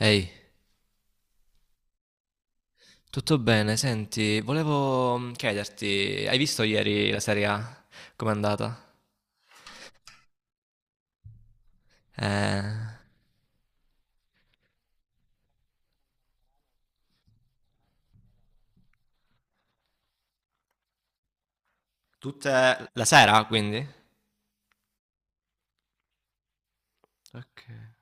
Ehi, tutto bene? Senti, volevo chiederti, hai visto ieri la Serie A? Com'è andata? Eh, Tutte la sera, quindi? Ok.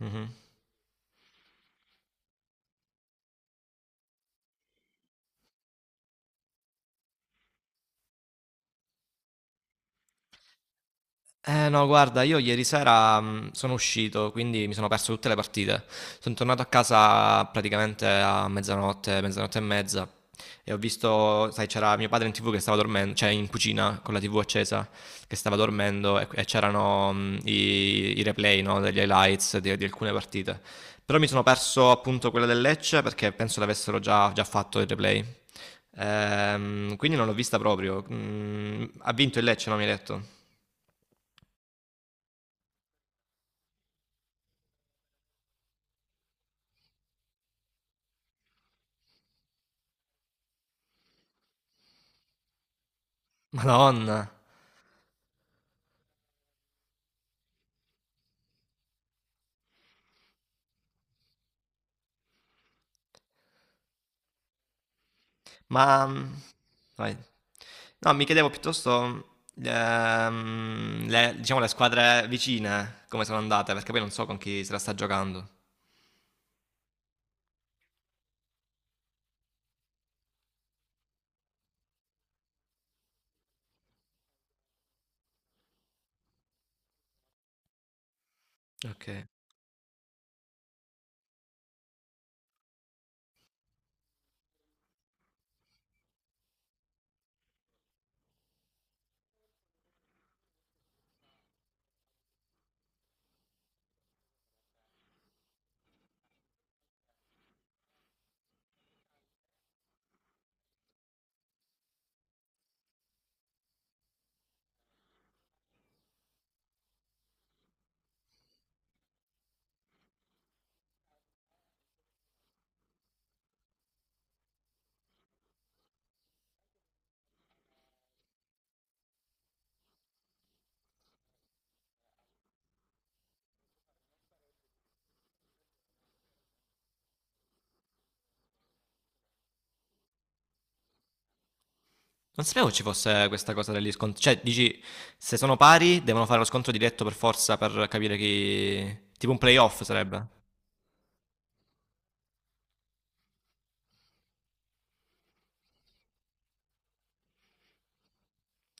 Mhm. Eh no, guarda, io ieri sera sono uscito, quindi mi sono perso tutte le partite. Sono tornato a casa praticamente a mezzanotte, mezzanotte e mezza. E ho visto, sai, c'era mio padre in TV che stava dormendo, cioè in cucina con la TV accesa, che stava dormendo e c'erano i replay, no, degli highlights di alcune partite. Però mi sono perso appunto quella del Lecce perché penso l'avessero già, già fatto il replay. Quindi non l'ho vista proprio. Ha vinto il Lecce, no, mi hai detto? Madonna, ma, mhmm, vai. No, mi chiedevo piuttosto, le diciamo le squadre vicine come sono andate, perché poi non so con chi se la sta giocando. Okay. Non sapevo ci fosse questa cosa degli scon cioè dici, se sono pari devono fare lo scontro diretto per forza per capire chi, tipo un playoff sarebbe?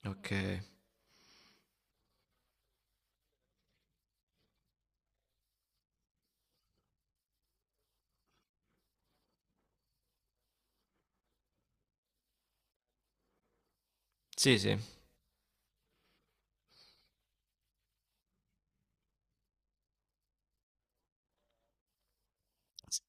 Okay. Sì, sì. S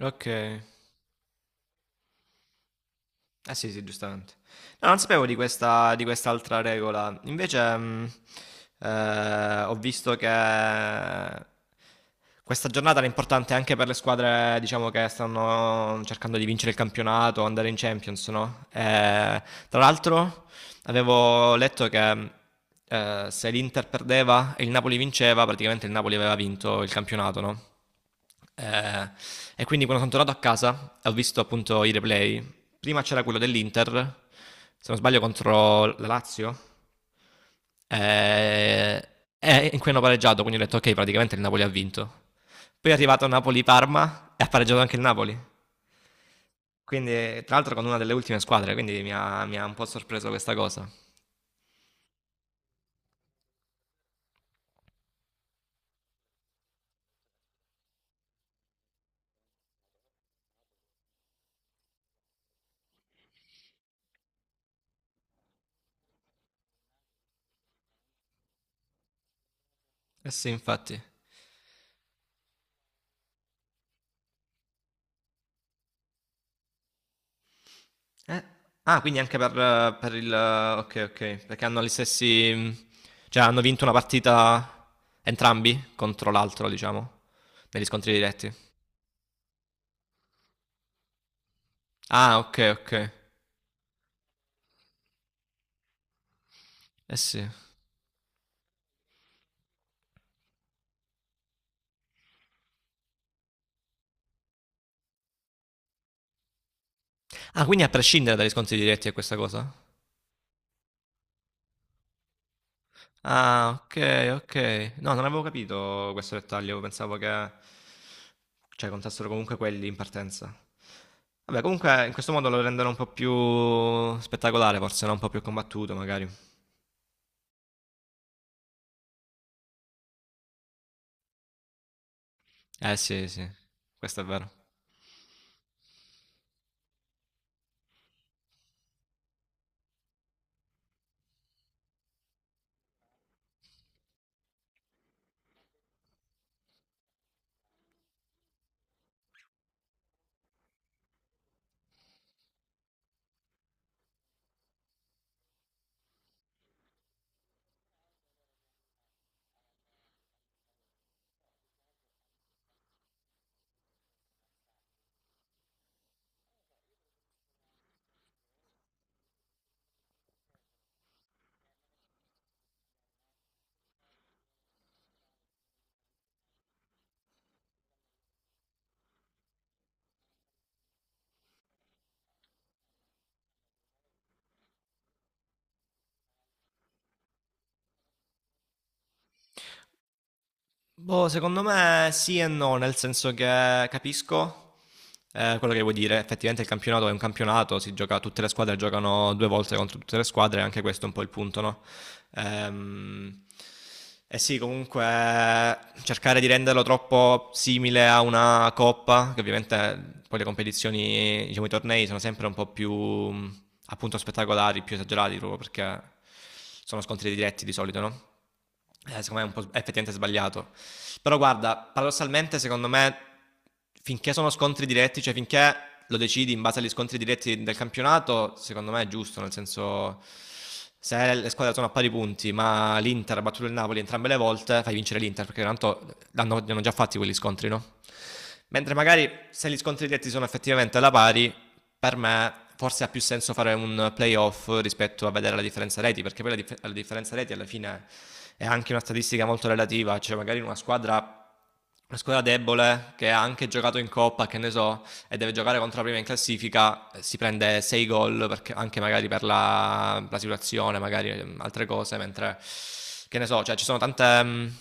Okay. Eh sì, sì, giustamente. No, non sapevo di questa, di quest'altra regola. Invece, ho visto che questa giornata era importante anche per le squadre, diciamo, che stanno cercando di vincere il campionato, andare in Champions, no? Tra l'altro, avevo letto che se l'Inter perdeva e il Napoli vinceva, praticamente il Napoli aveva vinto il campionato, no? Eh, e quindi quando sono tornato a casa ho visto appunto i replay. Prima c'era quello dell'Inter, se non sbaglio contro la Lazio, eh, in cui hanno pareggiato, quindi ho detto ok, praticamente il Napoli ha vinto. Poi è arrivato Napoli-Parma e ha pareggiato anche il Napoli. Quindi, tra l'altro, con una delle ultime squadre, quindi mi ha un po' sorpreso questa cosa. Eh sì, infatti. Eh, Ah, quindi anche per il... Ok, ok, perché hanno gli stessi... Cioè, hanno vinto una partita entrambi contro l'altro, diciamo, negli scontri diretti. Ah, ok, ok. Eh sì. Ah, quindi a prescindere dai riscontri diretti è questa cosa? Ah, ok, ok. No, non avevo capito questo dettaglio, pensavo che... Cioè, contassero comunque quelli in partenza. Vabbè, comunque in questo modo lo rendono un po' più spettacolare, forse, no? Un po' più combattuto, magari. Eh sì, sì, questo è vero. Boh, secondo me sì e no, nel senso che capisco quello che vuoi dire. Effettivamente il campionato è un campionato, si gioca, tutte le squadre giocano due volte contro tutte le squadre, anche questo è un po' il punto, no? Ehm, e sì, comunque cercare di renderlo troppo simile a una coppa, che ovviamente poi le competizioni, diciamo i tornei sono sempre un po' più appunto spettacolari, più esagerati proprio perché sono scontri diretti di solito, no? Secondo me è un po' è effettivamente sbagliato. Però guarda, paradossalmente secondo me finché sono scontri diretti, cioè finché lo decidi in base agli scontri diretti del campionato, secondo me è giusto, nel senso se le squadre sono a pari punti, ma l'Inter ha battuto il Napoli entrambe le volte, fai vincere l'Inter perché tanto li hanno già fatti quegli scontri, no? Mentre magari se gli scontri diretti sono effettivamente alla pari, per me forse ha più senso fare un playoff rispetto a vedere la differenza reti, perché poi la differenza reti alla fine è anche una statistica molto relativa, cioè magari in una squadra debole che ha anche giocato in coppa, che ne so, e deve giocare contro la prima in classifica, si prende 6 gol anche magari per la situazione, magari altre cose, mentre che ne so, cioè ci sono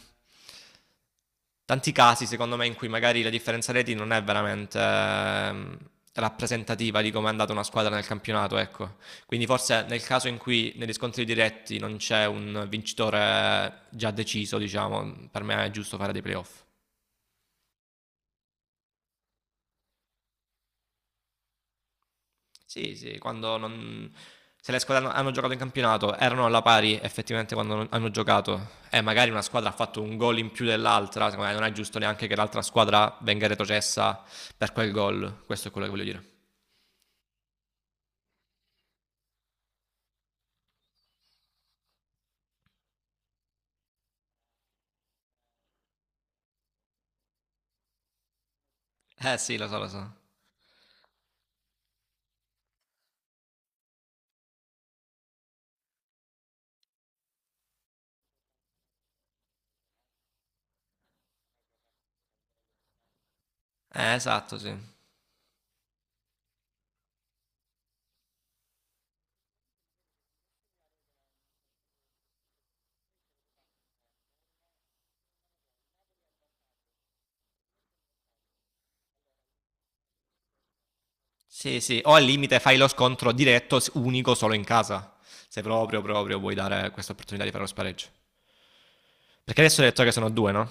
tanti casi secondo me in cui magari la differenza reti non è veramente rappresentativa di come è andata una squadra nel campionato, ecco. Quindi forse nel caso in cui negli scontri diretti non c'è un vincitore già deciso, diciamo, per me è giusto fare dei playoff. Sì, sì, quando non... Se le squadre hanno, hanno giocato in campionato erano alla pari effettivamente quando non- hanno giocato e magari una squadra ha fatto un gol in più dell'altra, secondo me non è giusto neanche che l'altra squadra venga retrocessa per quel gol, questo è quello che voglio dire. Eh sì, lo so, lo so. Esatto, sì. Sì, sì, o al limite fai lo scontro diretto unico solo in casa, se proprio, proprio vuoi dare questa opportunità di fare lo spareggio. Perché adesso hai detto che sono due, no? Hai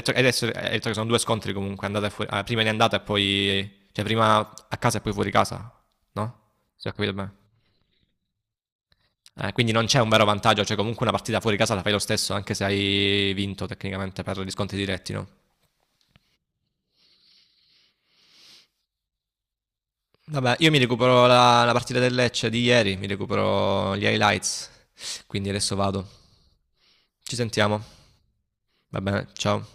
detto, hai adesso- hai detto che sono due scontri comunque, andata e fuori, ah, prima di andata e poi, cioè prima a casa e poi fuori casa, no? Se ho capito bene. Quindi non c'è un vero vantaggio, cioè comunque una partita fuori casa la fai lo stesso, anche se hai vinto tecnicamente per gli scontri diretti, no? Vabbè, io mi recupero la partita del Lecce di ieri, mi recupero gli highlights, quindi adesso vado. Ci sentiamo. Va bene, ciao.